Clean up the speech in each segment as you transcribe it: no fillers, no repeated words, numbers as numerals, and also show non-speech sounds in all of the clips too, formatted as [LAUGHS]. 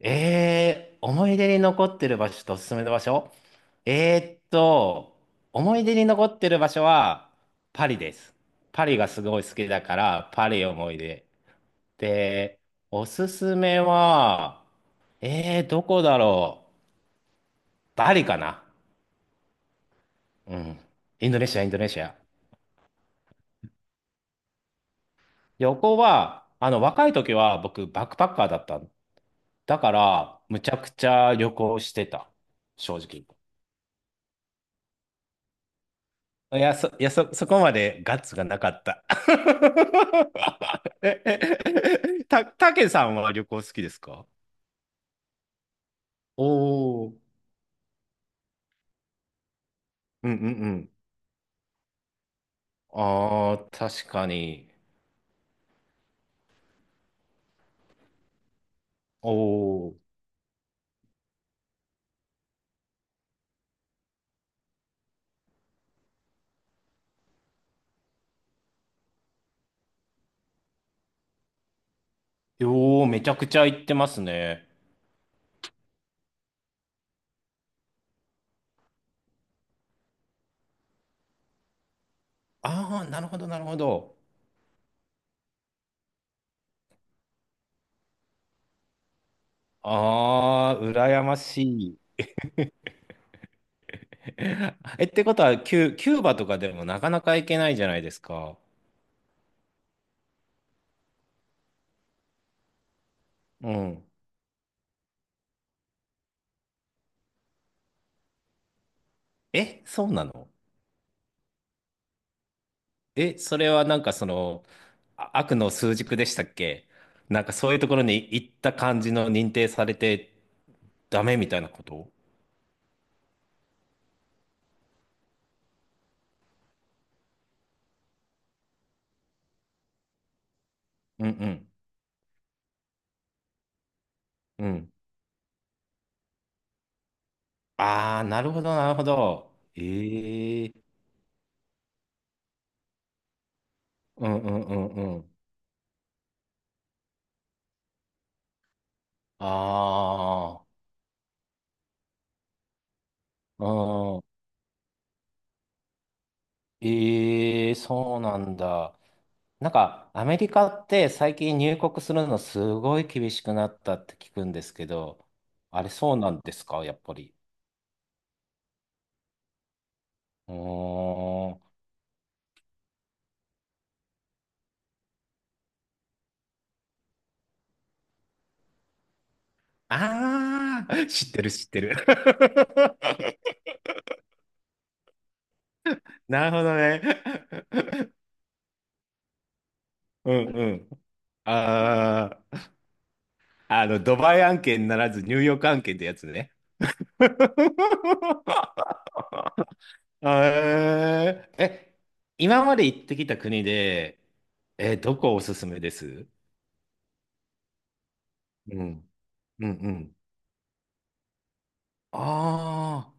思い出に残ってる場所とおすすめの場所。えーっと、思い出に残ってる場所はパリです。パリがすごい好きだから、パリ思い出。で、おすすめは、どこだろう。バリかな。うん。インドネシア、インドネシア。旅行は、若い時は僕、バックパッカーだったの。だから、むちゃくちゃ旅行してた。正直。いや、そこまでガッツがなかった。[LAUGHS] たけさんは旅行好きですか？おおー。うんうんうん。ああ、確かに。おお。よー、めちゃくちゃ行ってますね。ああ、なるほど、なるほど。ああ、羨ましい。[LAUGHS] え、ってことは、キューバとかでもなかなか行けないじゃないですか。うん。え、そうなの？え、それはなんかあ、悪の枢軸でしたっけ？なんかそういうところに行った感じの認定されてダメみたいなこと？うんうん。うん。ああ、なるほど、なるほど。ええ、うんうんうんうん。ああ、うん。ええ、そうなんだ。なんかアメリカって最近入国するのすごい厳しくなったって聞くんですけど、あれそうなんですか、やっぱり。うーん。ああ、知ってる、知ってる。[LAUGHS] なるほどね。うんうん。ああ、あの、ドバイ案件ならずニューヨーク案件ってやつね。[LAUGHS] えーえ、今まで行ってきた国で、どこおすすめです？うん。うんうん。ああ、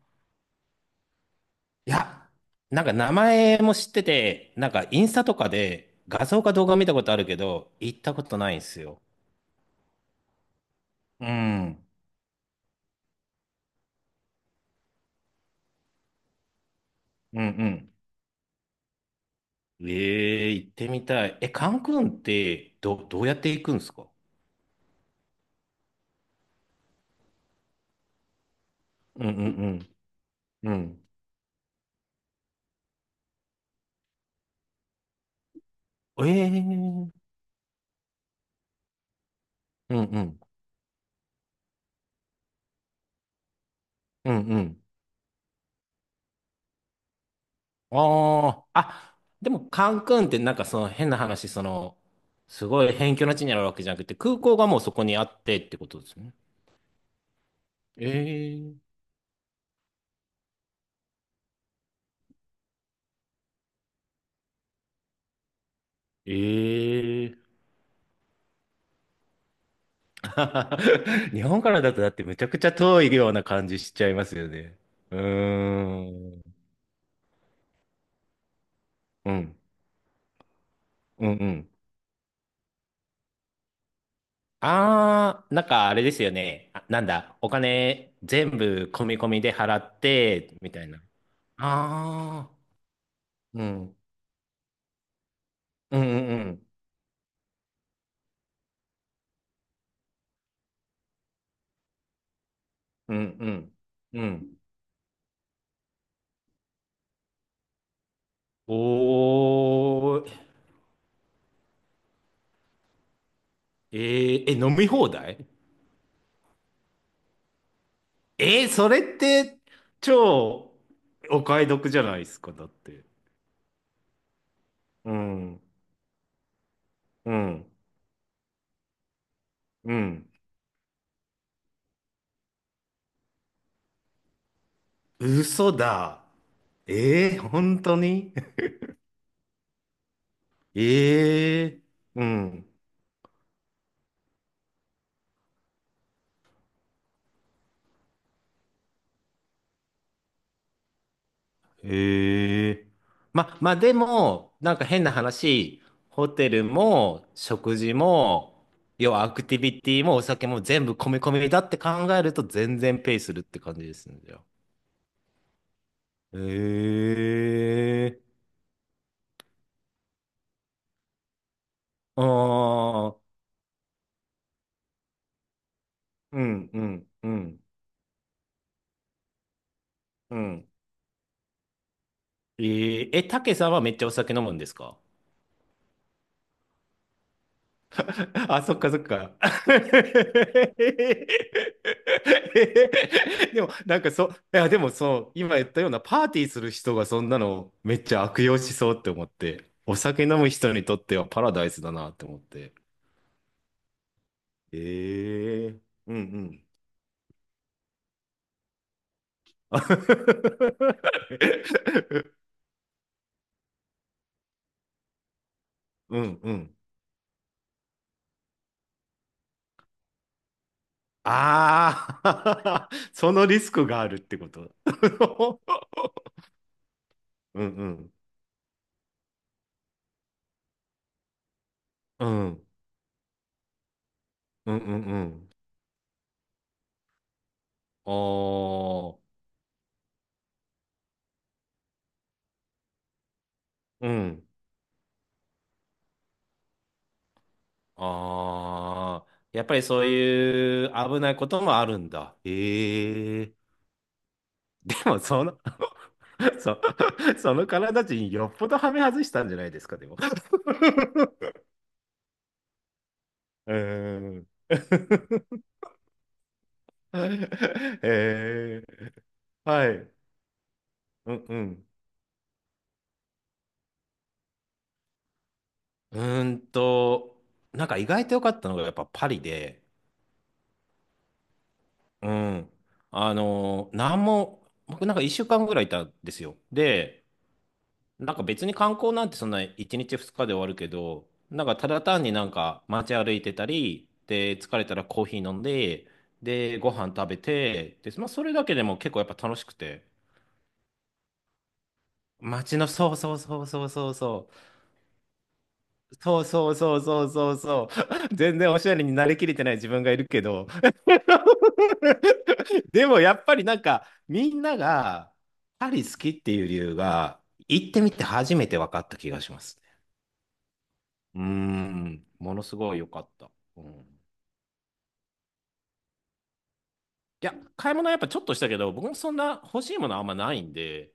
いや、なんか名前も知ってて、なんかインスタとかで画像か動画見たことあるけど、行ったことないんですよ。うん。うんうん。ええ、行ってみたい。え、カンクンってどうやって行くんですか？うんうんうん。うん。ええ、うんうん。うんうん。ああ。あ、でもカンクンってなんか変な話、すごい辺境の地にあるわけじゃなくて、空港がもうそこにあってってことですね。ええ、ええ。 [LAUGHS] 日本からだとだってめちゃくちゃ遠いような感じしちゃいますよね。うーん。うん。うんうん。ああ、なんかあれですよね。あ、なんだ、お金全部込み込みで払って、みたいな。ああ、うん。うんうんうん。うんうん。うん。おー。飲み放題？それって超お買い得じゃないですか、だって。うん、うん、うん。嘘だ。本当に？ [LAUGHS] えうん。へえ。まあでも、なんか変な話、ホテルも食事も、要はアクティビティもお酒も全部込み込みだって考えると全然ペイするって感じですんじゃあ。ええ。ああ、うん、うん、うん、うん。たけさんはめっちゃお酒飲むんですか？ [LAUGHS] あ、そっかそっか。[LAUGHS] でも、なんかそう、いや、でもそう、今言ったようなパーティーする人がそんなのめっちゃ悪用しそうって思って、お酒飲む人にとってはパラダイスだなって思って。ええ。うんうん。[LAUGHS] うんうん。ああ。 [LAUGHS] そのリスクがあるってこと。[LAUGHS] うんうん。うんうんうんうん。ああ。うん。ああ、やっぱりそういう危ないこともあるんだ。ええ。でも、[LAUGHS] そ、その体人よっぽどはめ外したんじゃないですか、でも。[LAUGHS] うーん。[LAUGHS] ええ、はい。うんうん。うーんと、なんか意外と良かったのがやっぱパリで、うん。なんも、僕なんか1週間ぐらいいたんですよ。で、なんか別に観光なんてそんな1日2日で終わるけど、なんかただ単になんか街歩いてたり、で、疲れたらコーヒー飲んで、で、ご飯食べて、で、まあそれだけでも結構やっぱ楽しくて。街の、そうそうそうそうそうそう。そうそうそうそうそうそう。[LAUGHS] 全然おしゃれになりきれてない自分がいるけど。[LAUGHS] でもやっぱりなんかみんながパリ好きっていう理由が行ってみて初めて分かった気がします。うーん、ものすごい良かった。うん。いや、買い物はやっぱちょっとしたけど、僕もそんな欲しいものあんまないんで、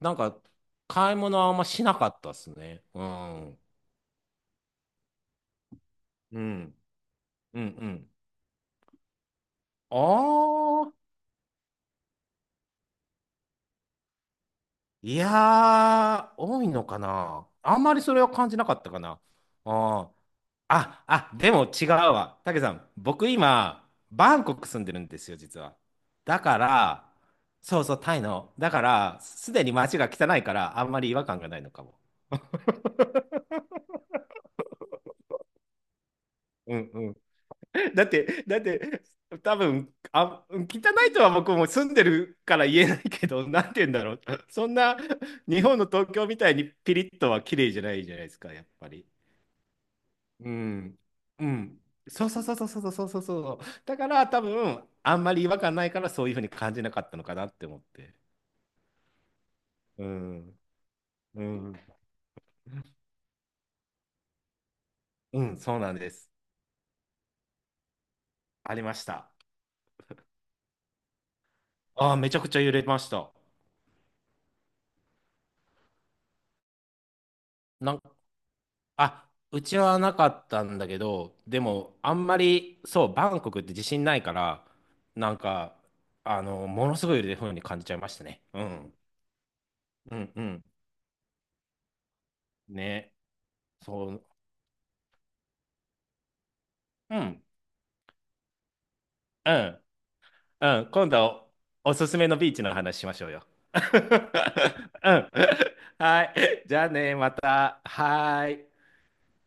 なんか、買い物はあんましなかったっすね。うん。うん。うん、うん。ああ、いやー、多いのかな。あんまりそれは感じなかったかな。ああ。あ、でも違うわ。たけさん、僕今、バンコク住んでるんですよ、実は。だから、そうそう、タイの。だから、すでに街が汚いから、あんまり違和感がないのかも。[LAUGHS] うんうん。だって、多分、あ、汚いとは僕も住んでるから言えないけど、なんて言うんだろう。そんな、日本の東京みたいにピリッとは綺麗じゃないじゃないですか、やっぱり。うん。うん。そうそうそうそうそうそうそうそう。だから多分、あんまり違和感ないからそういうふうに感じなかったのかなって思って。うん。うん。うん、そうなんです。ありました。ああ、めちゃくちゃ揺れました。なん、あ、うちはなかったんだけど、でも、あんまり、そう、バンコクって地震ないから、なんか、ものすごい揺れるふうに感じちゃいましたね。うん。うんうん。ね。そう。うん。うん。うん、今度おすすめのビーチの話しましょうよ。[LAUGHS] うん。はい。じゃあね、また。はーい。